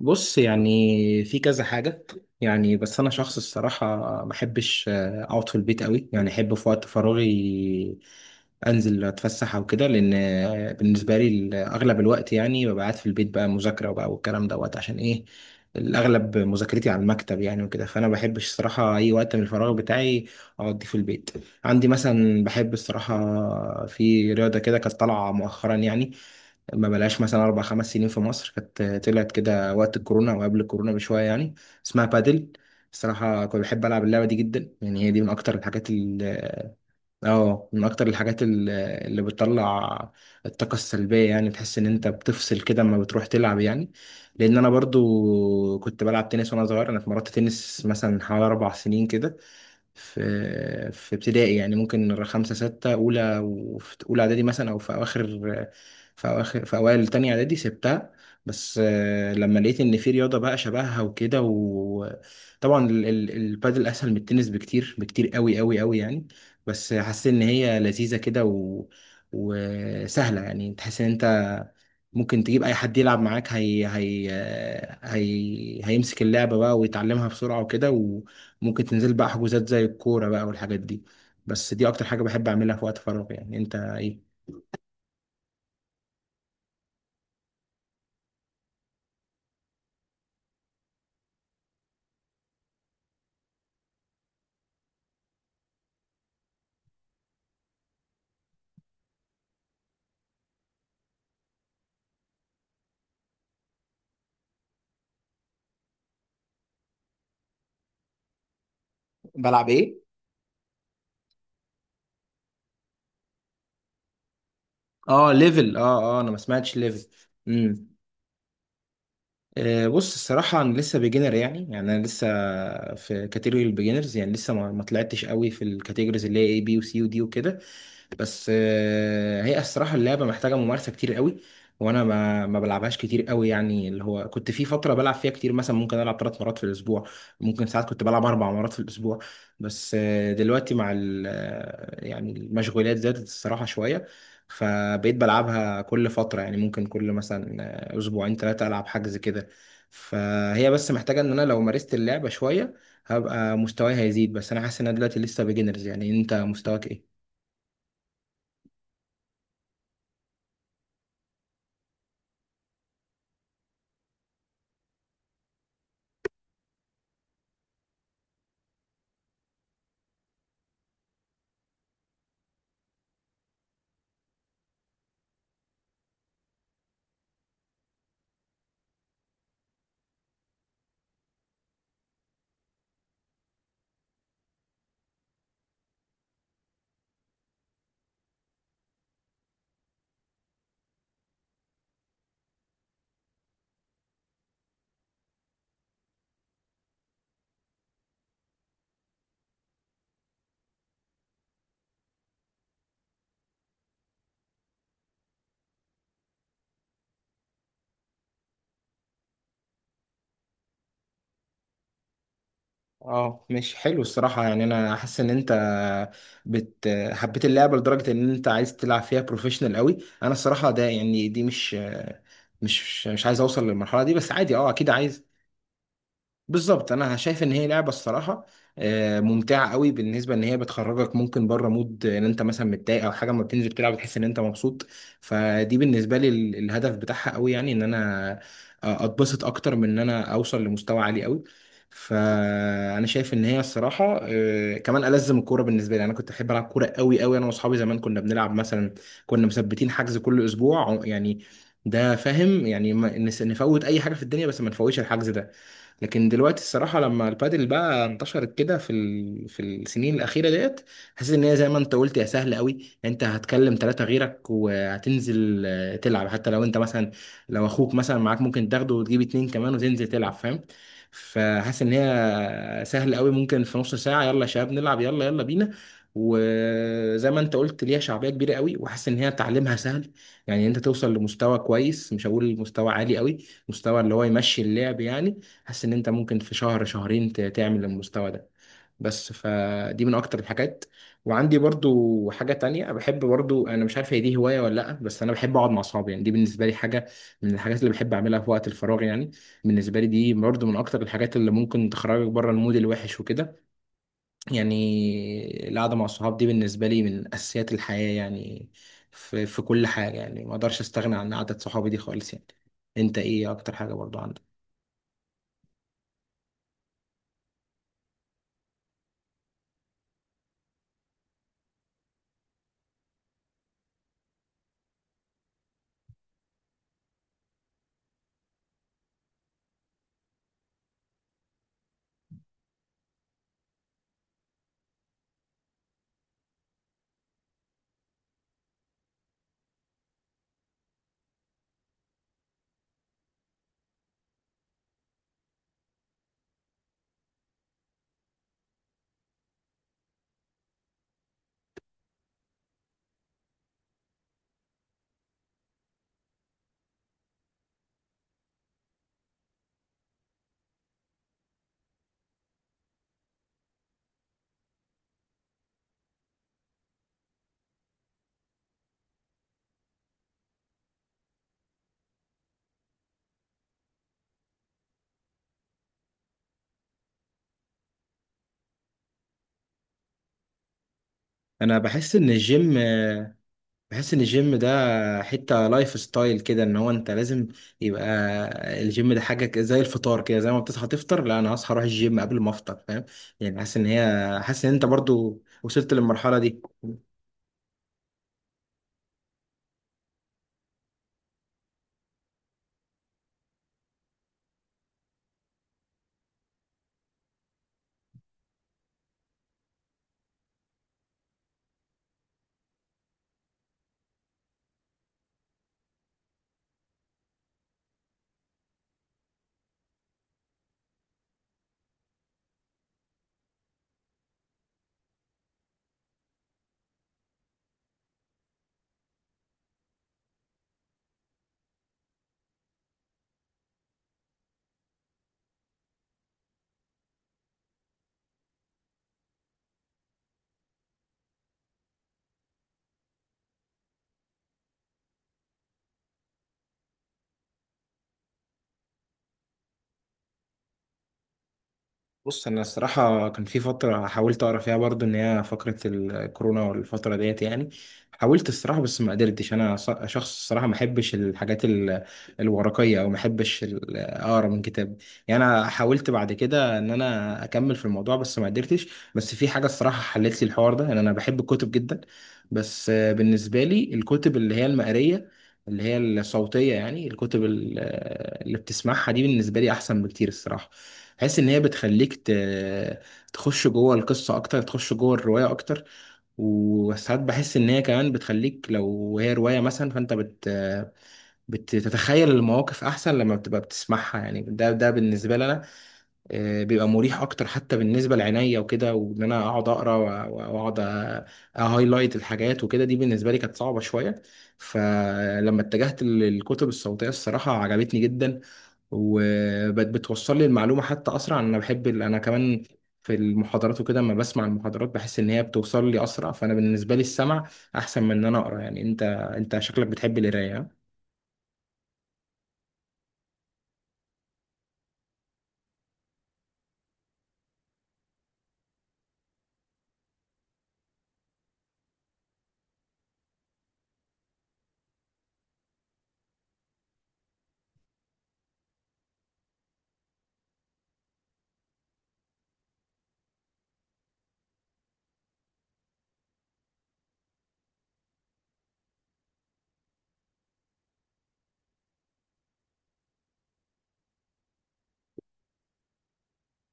بص، يعني في كذا حاجة. يعني بس أنا شخص الصراحة ما أحبش أقعد في البيت قوي. يعني أحب في وقت فراغي أنزل أتفسح أو كده، لأن بالنسبة لي أغلب الوقت يعني ببقى قاعد في البيت بقى مذاكرة، وبقى والكلام دوت عشان إيه. الأغلب مذاكرتي على المكتب يعني وكده، فأنا ما بحبش الصراحة أي وقت من الفراغ بتاعي أقضيه في البيت. عندي مثلا بحب الصراحة في رياضة كده، كانت طالعة مؤخرا يعني، ما بلاش مثلا 4 5 سنين، في مصر كانت طلعت كده وقت الكورونا او قبل الكورونا بشويه يعني، اسمها بادل. الصراحه كنت بحب العب اللعبه دي جدا، يعني هي دي من اكتر الحاجات ال اه آه، من اكتر الحاجات اللي بتطلع الطاقه السلبيه. يعني تحس ان انت بتفصل كده اما بتروح تلعب يعني. لان انا برضو كنت بلعب تنس وانا صغير، انا اتمرنت تنس مثلا حوالي 4 سنين كده. في ابتدائي يعني، ممكن خمسة ستة أولى وفي أولى إعدادي مثلا، أو في أوائل تانية إعدادي سبتها. بس لما لقيت إن في رياضة بقى شبهها وكده، وطبعا البادل أسهل من التنس بكتير بكتير أوي أوي أوي يعني. بس حسيت إن هي لذيذة كده وسهلة. يعني تحس إن أنت ممكن تجيب أي حد يلعب معاك، هيمسك اللعبة بقى ويتعلمها بسرعة وكده. ممكن تنزل بقى حجوزات زي الكورة بقى والحاجات دي. بس دي اكتر حاجة بحب اعملها في وقت فراغي، يعني انت ايه؟ بلعب ايه؟ اه، ليفل. اه انا ما سمعتش ليفل. امم بص، الصراحه انا لسه بيجنر، يعني انا لسه في كاتيجوري البيجنرز، يعني لسه ما طلعتش قوي في الكاتيجوريز اللي هي اي بي وسي ودي وكده. بس هي الصراحه اللعبه محتاجه ممارسه كتير قوي، وانا ما بلعبهاش كتير قوي. يعني اللي هو كنت في فتره بلعب فيها كتير، مثلا ممكن العب 3 مرات في الاسبوع، ممكن ساعات كنت بلعب 4 مرات في الاسبوع. بس دلوقتي مع يعني المشغولات زادت الصراحه شويه، فبقيت بلعبها كل فتره. يعني ممكن كل مثلا اسبوعين ثلاثه العب حجز كده. فهي بس محتاجه ان انا لو مارست اللعبه شويه هبقى مستواي هيزيد، بس انا حاسس ان انا دلوقتي لسه بيجنرز. يعني انت مستواك ايه؟ اه مش حلو الصراحة. يعني انا حاسس ان انت حبيت اللعبة لدرجة ان انت عايز تلعب فيها بروفيشنال قوي. انا الصراحة ده، يعني دي مش عايز اوصل للمرحلة دي. بس عادي اه اكيد عايز. بالظبط. انا شايف ان هي لعبه الصراحه ممتعه قوي، بالنسبه ان هي بتخرجك ممكن بره مود، ان انت مثلا متضايق او حاجه، ما بتنزل تلعب بتحس ان انت مبسوط. فدي بالنسبه لي الهدف بتاعها قوي، يعني ان انا اتبسط اكتر من ان انا اوصل لمستوى عالي قوي. فانا شايف ان هي الصراحه كمان الزم الكوره. بالنسبه لي انا كنت احب العب كوره قوي قوي، انا واصحابي زمان كنا بنلعب مثلا، كنا مثبتين حجز كل اسبوع يعني. ده فاهم، يعني نفوت اي حاجه في الدنيا بس ما نفوتش الحجز ده. لكن دلوقتي الصراحه لما البادل بقى انتشرت كده في السنين الاخيره ديت، حسيت ان هي زي ما انت قلت يا سهله قوي. انت هتكلم ثلاثه غيرك وهتنزل تلعب. حتى لو انت مثلا لو اخوك مثلا معاك، ممكن تاخده وتجيب اتنين كمان وتنزل تلعب فاهم. فحاسس ان هي سهل قوي، ممكن في نص ساعه يلا يا شباب نلعب، يلا يلا بينا. وزي ما انت قلت ليها شعبيه كبيره قوي، وحاسس ان هي تعليمها سهل، يعني انت توصل لمستوى كويس، مش هقول مستوى عالي قوي، مستوى اللي هو يمشي اللعب يعني. حاسس ان انت ممكن في شهر شهرين تعمل المستوى ده. بس فدي من اكتر الحاجات. وعندي برضو حاجة تانية بحب، برضو انا مش عارف هي دي هواية ولا لا، بس انا بحب اقعد مع اصحابي. يعني دي بالنسبة لي حاجة من الحاجات اللي بحب اعملها في وقت الفراغ. يعني بالنسبة لي دي برضو من اكتر الحاجات اللي ممكن تخرجك بره المود الوحش وكده. يعني القعدة مع الصحاب دي بالنسبة لي من اساسيات الحياة يعني، في كل حاجة يعني. ما اقدرش استغنى عن قعدة صحابي دي خالص يعني. انت ايه اكتر حاجة برضو عندك؟ انا بحس ان الجيم، بحس ان الجيم ده حتة لايف ستايل كده، ان هو انت لازم يبقى الجيم ده حاجة زي الفطار كده، زي ما بتصحى تفطر. لا، انا هصحى اروح الجيم قبل ما افطر فاهم. يعني حاسس ان هي، حاسس ان انت برضو وصلت للمرحلة دي. بص انا الصراحه كان في فتره حاولت اقرا فيها برضو، ان هي فقره الكورونا والفتره ديت يعني. حاولت الصراحه بس ما قدرتش. انا شخص الصراحه ما احبش الحاجات الورقيه، او ما احبش اقرا من كتاب يعني. انا حاولت بعد كده ان انا اكمل في الموضوع بس ما قدرتش. بس في حاجه الصراحه حلت لي الحوار ده، ان انا بحب الكتب جدا. بس بالنسبه لي الكتب اللي هي المقريه، اللي هي الصوتيه يعني، الكتب اللي بتسمعها دي بالنسبه لي احسن بكتير الصراحه. بحس ان هي بتخليك تخش جوه القصه اكتر، تخش جوه الروايه اكتر. وساعات بحس ان هي كمان بتخليك لو هي روايه مثلا، فانت بتتخيل المواقف احسن لما بتبقى بتسمعها. يعني ده بالنسبه لي انا بيبقى مريح اكتر، حتى بالنسبه لعينيا وكده، وان انا اقعد اقرا واقعد اهايلايت الحاجات وكده، دي بالنسبه لي كانت صعبه شويه. فلما اتجهت للكتب الصوتيه الصراحه عجبتني جدا. وبتوصل لي المعلومة حتى أسرع. أنا بحب أنا كمان في المحاضرات وكده، لما بسمع المحاضرات بحس إن هي بتوصل لي أسرع. فأنا بالنسبة لي السمع أحسن من إن أنا أقرأ. يعني أنت، أنت شكلك بتحب القراية، ها؟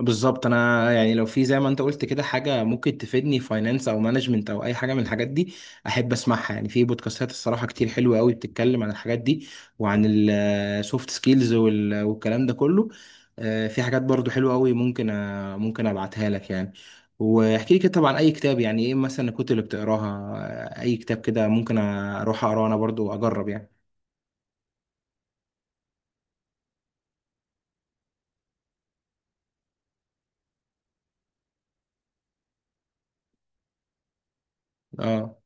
بالظبط. انا يعني لو في زي ما انت قلت كده حاجه ممكن تفيدني فاينانس او مانجمنت او اي حاجه من الحاجات دي، احب اسمعها. يعني في بودكاستات الصراحه كتير حلوه قوي، بتتكلم عن الحاجات دي وعن السوفت سكيلز والكلام ده كله. في حاجات برضو حلوه قوي، ممكن ممكن ابعتها لك يعني، واحكي لي كده طبعا اي كتاب. يعني ايه مثلا الكتب اللي بتقراها؟ اي كتاب كده ممكن اروح اقراه انا برضو اجرب يعني. اه،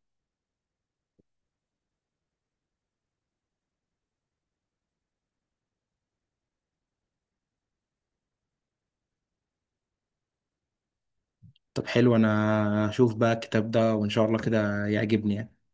طب حلو. انا اشوف بقى الكتاب ده وان شاء الله كده يعجبني يعني.